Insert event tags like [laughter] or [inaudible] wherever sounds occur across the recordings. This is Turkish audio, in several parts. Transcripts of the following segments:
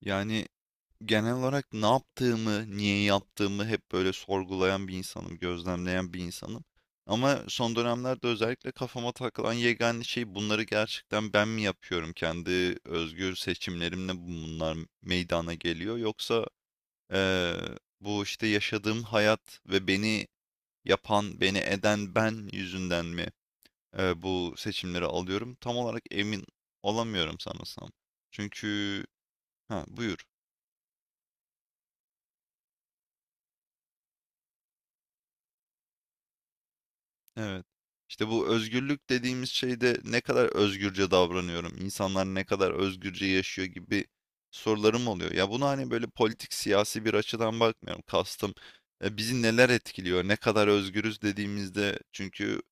Yani genel olarak ne yaptığımı, niye yaptığımı hep böyle sorgulayan bir insanım, gözlemleyen bir insanım. Ama son dönemlerde özellikle kafama takılan yegane şey bunları gerçekten ben mi yapıyorum? Kendi özgür seçimlerimle bunlar meydana geliyor. Yoksa eee, bu işte yaşadığım hayat ve beni yapan, beni eden ben yüzünden mi bu seçimleri alıyorum? Tam olarak emin olamıyorum sanırsam. Çünkü ha buyur. Evet. İşte bu özgürlük dediğimiz şeyde ne kadar özgürce davranıyorum, insanlar ne kadar özgürce yaşıyor gibi sorularım oluyor. Ya bunu hani böyle politik siyasi bir açıdan bakmıyorum. Kastım bizi neler etkiliyor, ne kadar özgürüz dediğimizde çünkü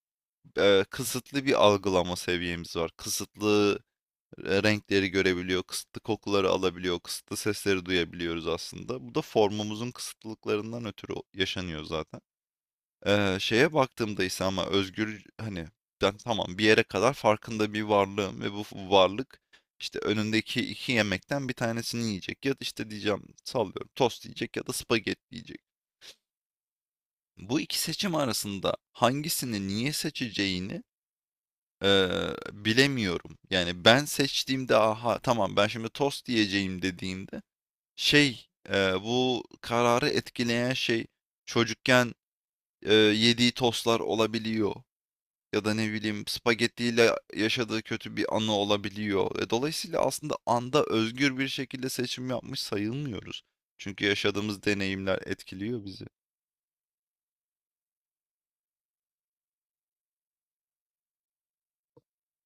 kısıtlı bir algılama seviyemiz var. Kısıtlı renkleri görebiliyor, kısıtlı kokuları alabiliyor, kısıtlı sesleri duyabiliyoruz aslında. Bu da formumuzun kısıtlılıklarından ötürü yaşanıyor zaten. Şeye baktığımda ise ama özgür hani ben tamam bir yere kadar farkında bir varlığım ve bu varlık işte önündeki iki yemekten bir tanesini yiyecek ya da işte diyeceğim sallıyorum tost yiyecek ya da spagetti yiyecek. Bu iki seçim arasında hangisini niye seçeceğini bilemiyorum. Yani ben seçtiğimde aha tamam ben şimdi tost yiyeceğim dediğimde şey bu kararı etkileyen şey çocukken yediği tostlar olabiliyor. Ya da ne bileyim spagettiyle yaşadığı kötü bir anı olabiliyor. Dolayısıyla aslında anda özgür bir şekilde seçim yapmış sayılmıyoruz. Çünkü yaşadığımız deneyimler etkiliyor bizi.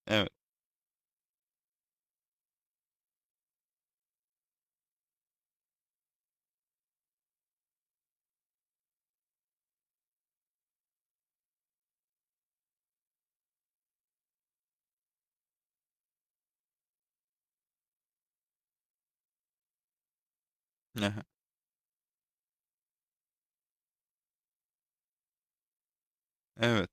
Evet. Aha, evet.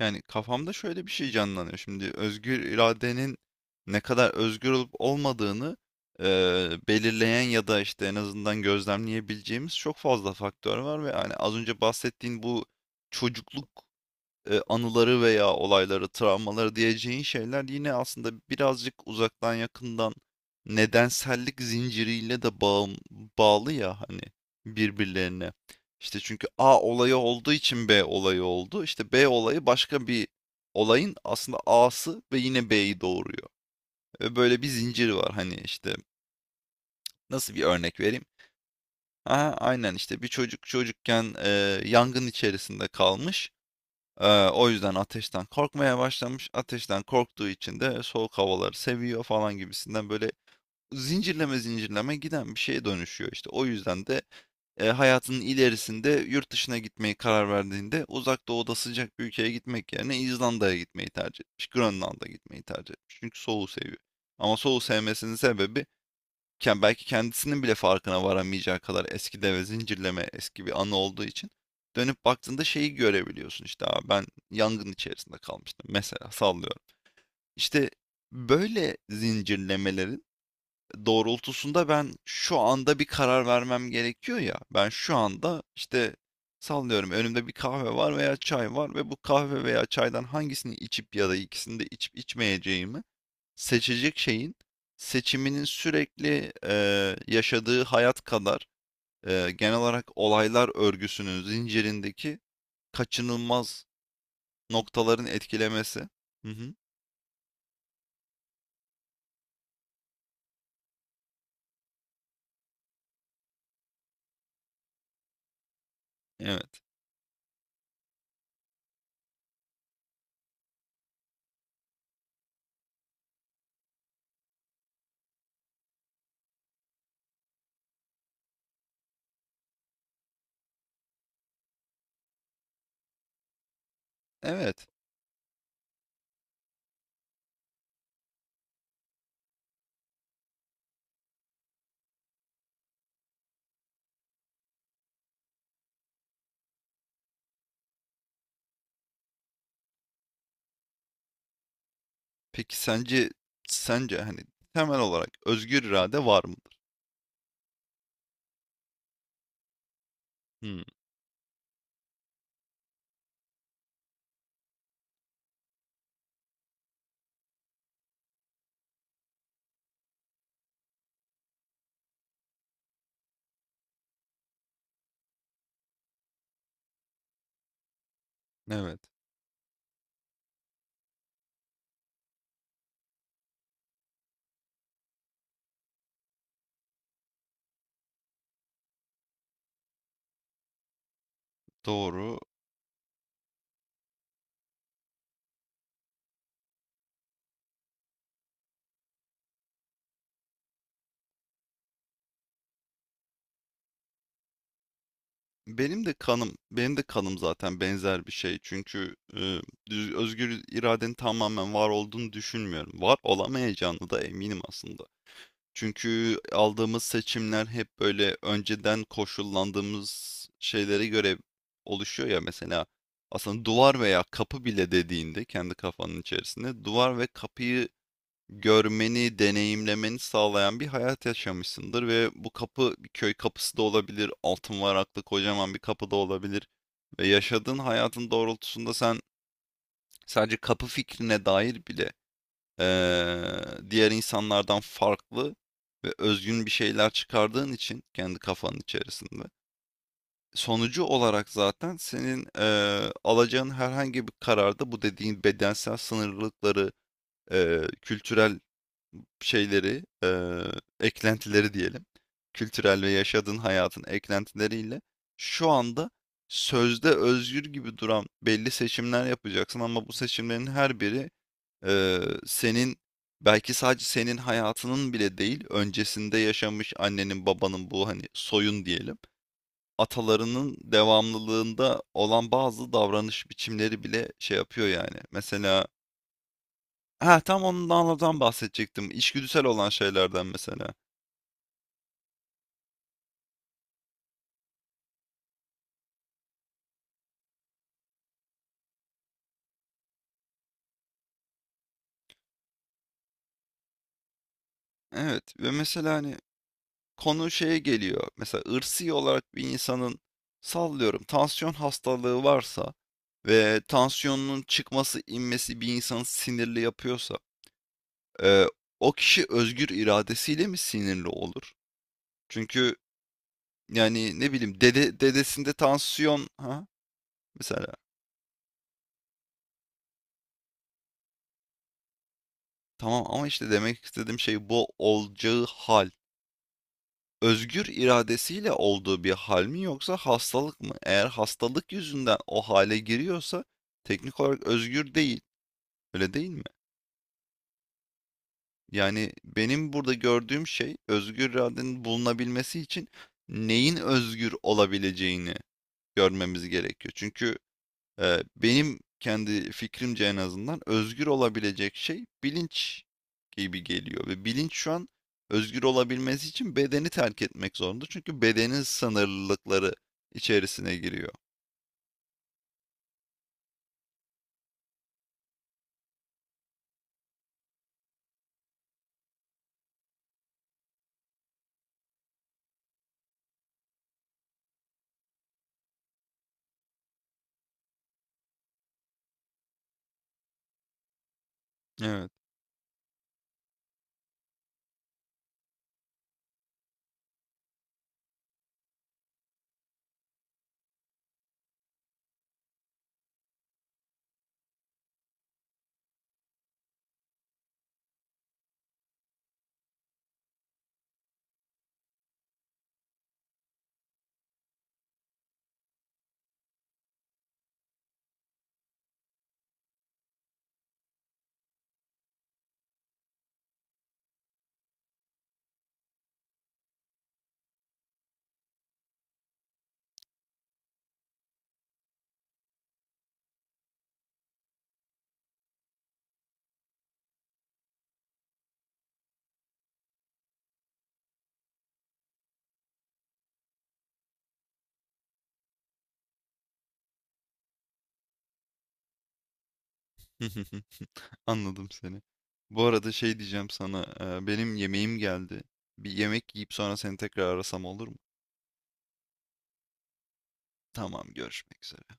Yani kafamda şöyle bir şey canlanıyor. Şimdi özgür iradenin ne kadar özgür olup olmadığını belirleyen ya da işte en azından gözlemleyebileceğimiz çok fazla faktör var ve hani az önce bahsettiğin bu çocukluk anıları veya olayları, travmaları diyeceğin şeyler yine aslında birazcık uzaktan yakından nedensellik zinciriyle de bağlı ya hani birbirlerine. İşte çünkü A olayı olduğu için B olayı oldu. İşte B olayı başka bir olayın aslında A'sı ve yine B'yi doğuruyor. Ve böyle bir zincir var hani işte nasıl bir örnek vereyim? Aha, aynen işte bir çocuk çocukken yangın içerisinde kalmış. O yüzden ateşten korkmaya başlamış. Ateşten korktuğu için de soğuk havaları seviyor falan gibisinden böyle zincirleme zincirleme giden bir şeye dönüşüyor işte. O yüzden de hayatının ilerisinde yurt dışına gitmeyi karar verdiğinde uzak doğuda sıcak bir ülkeye gitmek yerine İzlanda'ya gitmeyi tercih etmiş. Grönland'a gitmeyi tercih etmiş. Çünkü soğuğu seviyor. Ama soğuğu sevmesinin sebebi ken belki kendisinin bile farkına varamayacağı kadar eski deve zincirleme eski bir anı olduğu için dönüp baktığında şeyi görebiliyorsun işte, "Aa, ben yangın içerisinde kalmıştım mesela sallıyorum." İşte böyle zincirlemelerin doğrultusunda ben şu anda bir karar vermem gerekiyor ya. Ben şu anda işte sallıyorum önümde bir kahve var veya çay var ve bu kahve veya çaydan hangisini içip ya da ikisini de içip içmeyeceğimi seçecek şeyin seçiminin sürekli yaşadığı hayat kadar genel olarak olaylar örgüsünün zincirindeki kaçınılmaz noktaların etkilemesi. Hı hı. Evet. Evet. Peki sence sence hani temel olarak özgür irade var mıdır? Hmm, evet. Doğru. Benim de kanım, benim de kanım zaten benzer bir şey. Çünkü özgür iradenin tamamen var olduğunu düşünmüyorum. Var olamayacağını da eminim aslında. Çünkü aldığımız seçimler hep böyle önceden koşullandığımız şeylere göre oluşuyor ya mesela aslında duvar veya kapı bile dediğinde kendi kafanın içerisinde duvar ve kapıyı görmeni, deneyimlemeni sağlayan bir hayat yaşamışsındır ve bu kapı bir köy kapısı da olabilir, altın varaklı kocaman bir kapı da olabilir ve yaşadığın hayatın doğrultusunda sen sadece kapı fikrine dair bile diğer insanlardan farklı ve özgün bir şeyler çıkardığın için kendi kafanın içerisinde. Sonucu olarak zaten senin alacağın herhangi bir kararda bu dediğin bedensel sınırlılıkları, kültürel şeyleri, eklentileri diyelim, kültürel ve yaşadığın hayatın eklentileriyle şu anda sözde özgür gibi duran belli seçimler yapacaksın ama bu seçimlerin her biri Eee, senin belki sadece senin hayatının bile değil, öncesinde yaşamış annenin, babanın bu hani soyun diyelim, atalarının devamlılığında olan bazı davranış biçimleri bile şey yapıyor yani. Mesela ha tam ondan bahsedecektim. İçgüdüsel olan şeylerden mesela. Evet ve mesela hani konu şeye geliyor. Mesela ırsi olarak bir insanın sallıyorum tansiyon hastalığı varsa ve tansiyonunun çıkması inmesi bir insanı sinirli yapıyorsa Eee, o kişi özgür iradesiyle mi sinirli olur? Çünkü, yani, ne bileyim, dede dedesinde tansiyon ha? Mesela. Tamam ama işte demek istediğim şey bu olacağı hal. Özgür iradesiyle olduğu bir hal mi yoksa hastalık mı? Eğer hastalık yüzünden o hale giriyorsa teknik olarak özgür değil. Öyle değil mi? Yani, benim burada gördüğüm şey özgür iradenin bulunabilmesi için neyin özgür olabileceğini görmemiz gerekiyor. Çünkü benim kendi fikrimce en azından özgür olabilecek şey bilinç gibi geliyor ve bilinç şu an özgür olabilmesi için bedeni terk etmek zorunda. Çünkü bedenin sınırlılıkları içerisine giriyor. Evet. [laughs] Anladım seni. Bu arada şey diyeceğim sana, benim yemeğim geldi. Bir yemek yiyip sonra seni tekrar arasam olur mu? Tamam, görüşmek üzere.